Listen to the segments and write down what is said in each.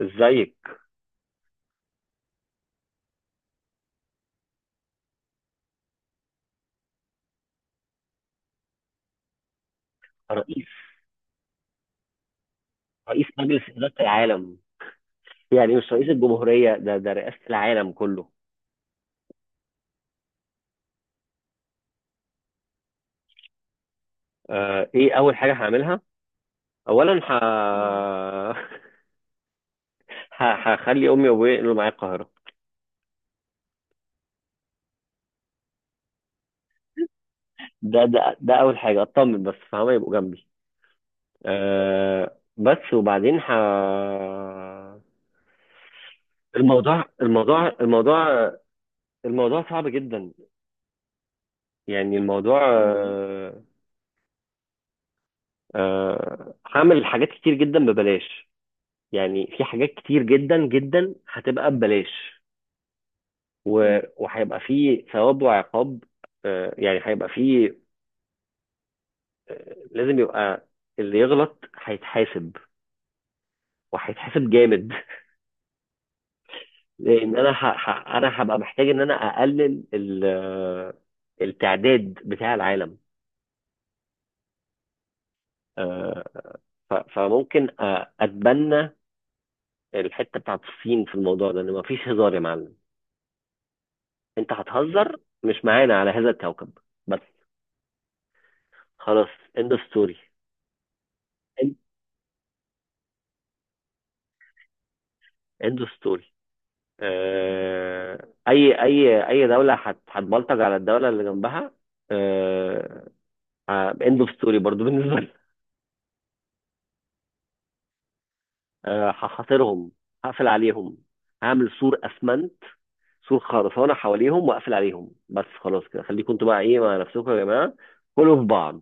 ازيك؟ رئيس رئيس مجلس إدارة العالم. يعني مش رئيس الجمهورية، ده رئاسة العالم كله. ايه اول حاجة هعملها؟ اولا مم. هخلي امي وابويا ينقلوا معايا القاهرة. ده اول حاجة، اطمن بس فهم يبقوا جنبي. بس وبعدين. الموضوع الموضوع الموضوع الموضوع صعب جدا. يعني الموضوع. هعمل حاجات كتير جدا ببلاش. يعني في حاجات كتير جدا جدا هتبقى ببلاش. وهيبقى في ثواب وعقاب. يعني هيبقى في. لازم يبقى، اللي يغلط هيتحاسب. وهيتحاسب جامد. لان انا هبقى محتاج ان انا اقلل ال... آه، التعداد بتاع العالم. آه، فممكن اتبنى الحته بتاعت الصين في الموضوع ده، ان مفيش هزار يا معلم. انت هتهزر مش معانا على هذا الكوكب. بس خلاص، end of story. اند ستوري. اي دوله هتبلطج على الدوله اللي جنبها. اند اوف ستوري برضو بالنسبه لي. هحاصرهم. هقفل عليهم. هعمل سور اسمنت، سور خرسانه حواليهم، واقفل عليهم. بس خلاص كده، خليكم انتوا بقى ايه مع نفسكم يا جماعه. كلوا في بعض.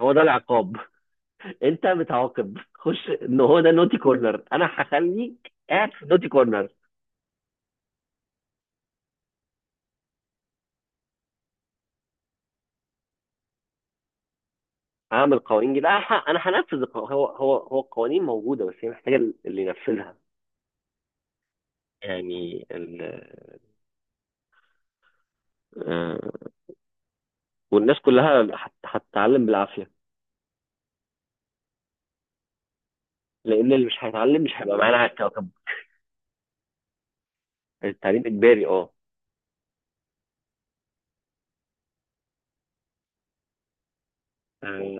هو ده العقاب. انت بتعاقب، خش ان هو ده نوتي كورنر. انا هخليك قاعد في نوتي كورنر. اعمل قوانين جديده. انا هنفذ هو القوانين موجوده، بس هي محتاجه اللي ينفذها. يعني ال... آه، والناس كلها هتتعلم بالعافيه. لان اللي مش هيتعلم مش هيبقى معانا على الكوكب. التعليم اجباري، اه. آه،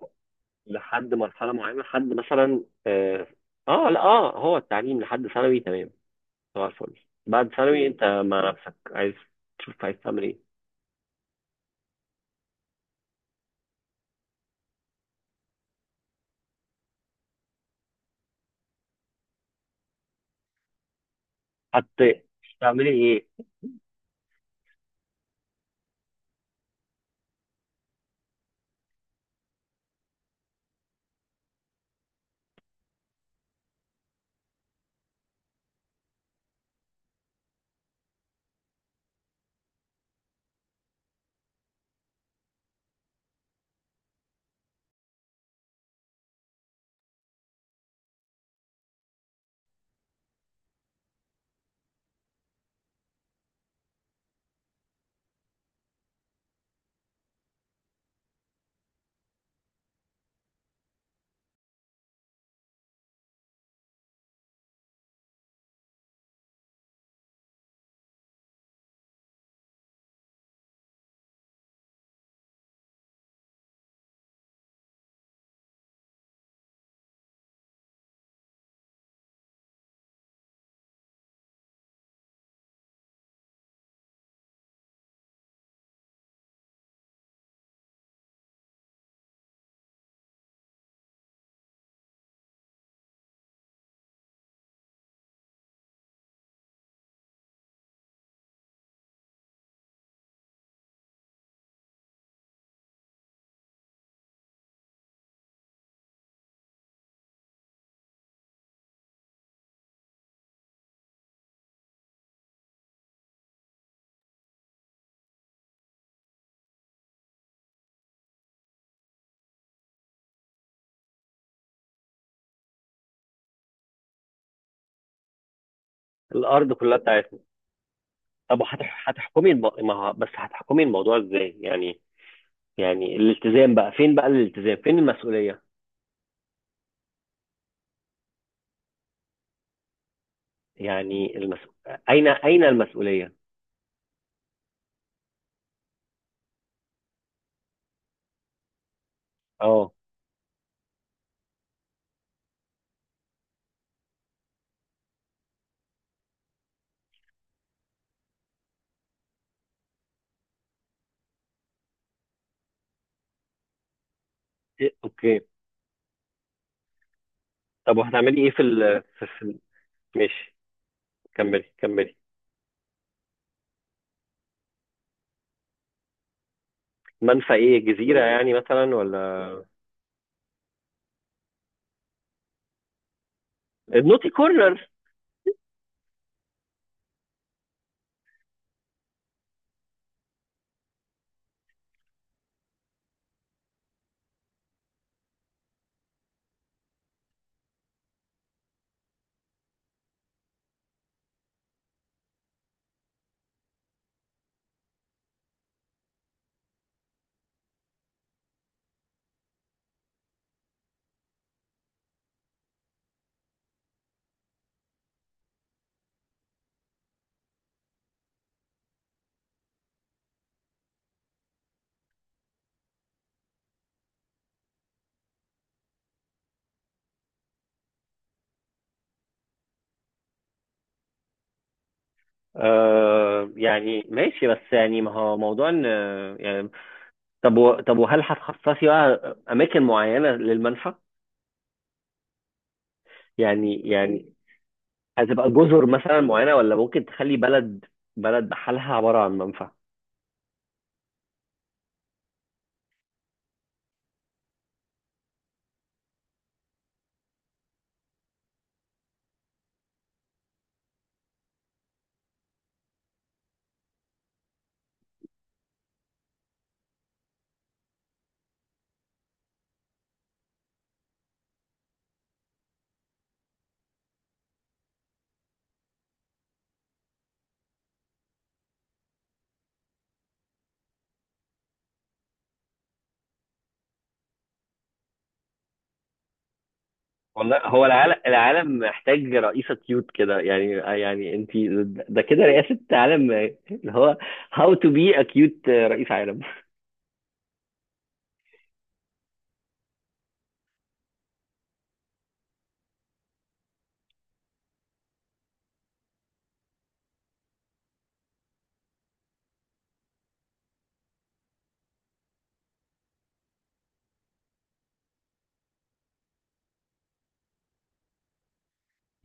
لحد مرحله معينه، لحد مثلا، اه. لا، هو التعليم لحد ثانوي. تمام، طبعا الفل. بعد ثانوي انت مع نفسك، عايز تشوف عايز تعمل ايه. حتى تعملي ايه؟ الارض كلها بتاعتك. طب هتحكمي الم... ما ه- بس هتحكمي الموضوع ازاي يعني؟ يعني الالتزام بقى فين؟ بقى الالتزام، فين المسؤولية؟ يعني اين المسؤولية؟ اه. إيه، اوكي. طب، وهتعملي ايه. في ال... في... في... ماشي. كملي كملي. منفى ايه؟ جزيرة يعني مثلا، ولا؟ النوتي كورنر. يعني ماشي، بس يعني ما هو موضوع ان. يعني، طب وهل هتخصصي بقى اماكن معينة للمنفى؟ يعني هتبقى جزر مثلا معينه، ولا ممكن تخلي بلد بحالها عباره عن منفى؟ والله، هو العالم محتاج رئيسة كيوت كده يعني. يعني انت، ده كده رئاسة عالم اللي هو how to be a cute رئيس عالم.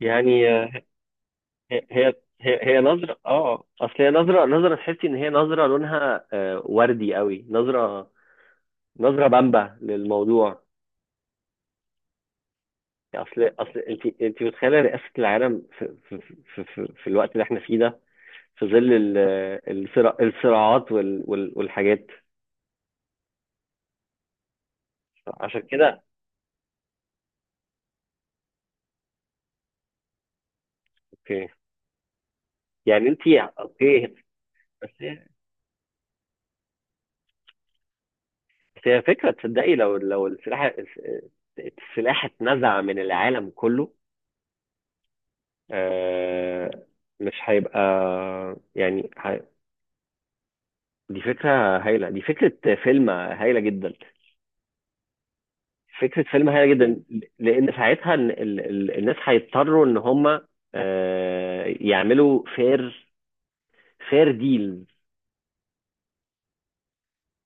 يعني هي هي هي نظرة. اه اصل هي نظرة، نظرة تحسي ان هي نظرة لونها وردي قوي. نظرة بامبة للموضوع. اصل انت متخيلة رئاسة العالم في الوقت اللي احنا فيه ده، في ظل الصراعات والحاجات. عشان كده. اوكي. يعني انت. اوكي. بس هي- بس هي فكره، تصدقي لو السلاح اتنزع من العالم كله. آه، مش هيبقى. يعني دي فكره فيلم هايله جدا. فكره فيلم هايله جدا. لان ساعتها الناس هيضطروا ان هم يعملوا فير ديل.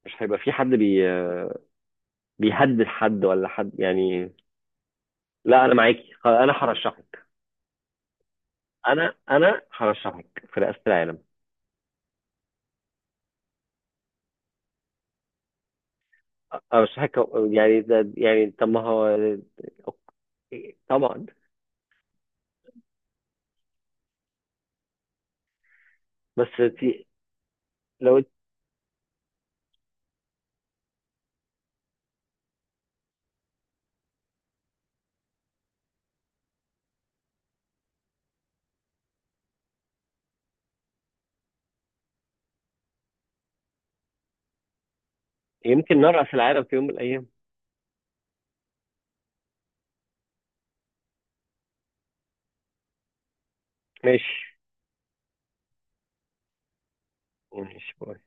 مش هيبقى في حد بيهدد حد ولا حد يعني. لا، انا معاكي. انا هرشحك. انا هرشحك في رئاسة العالم. ارشحك. يعني ده، يعني طب ما هو. أوكي، طبعا. بس تي- لو يمكن نرأس العالم في يوم من الايام. ماشي. ماشي، باي.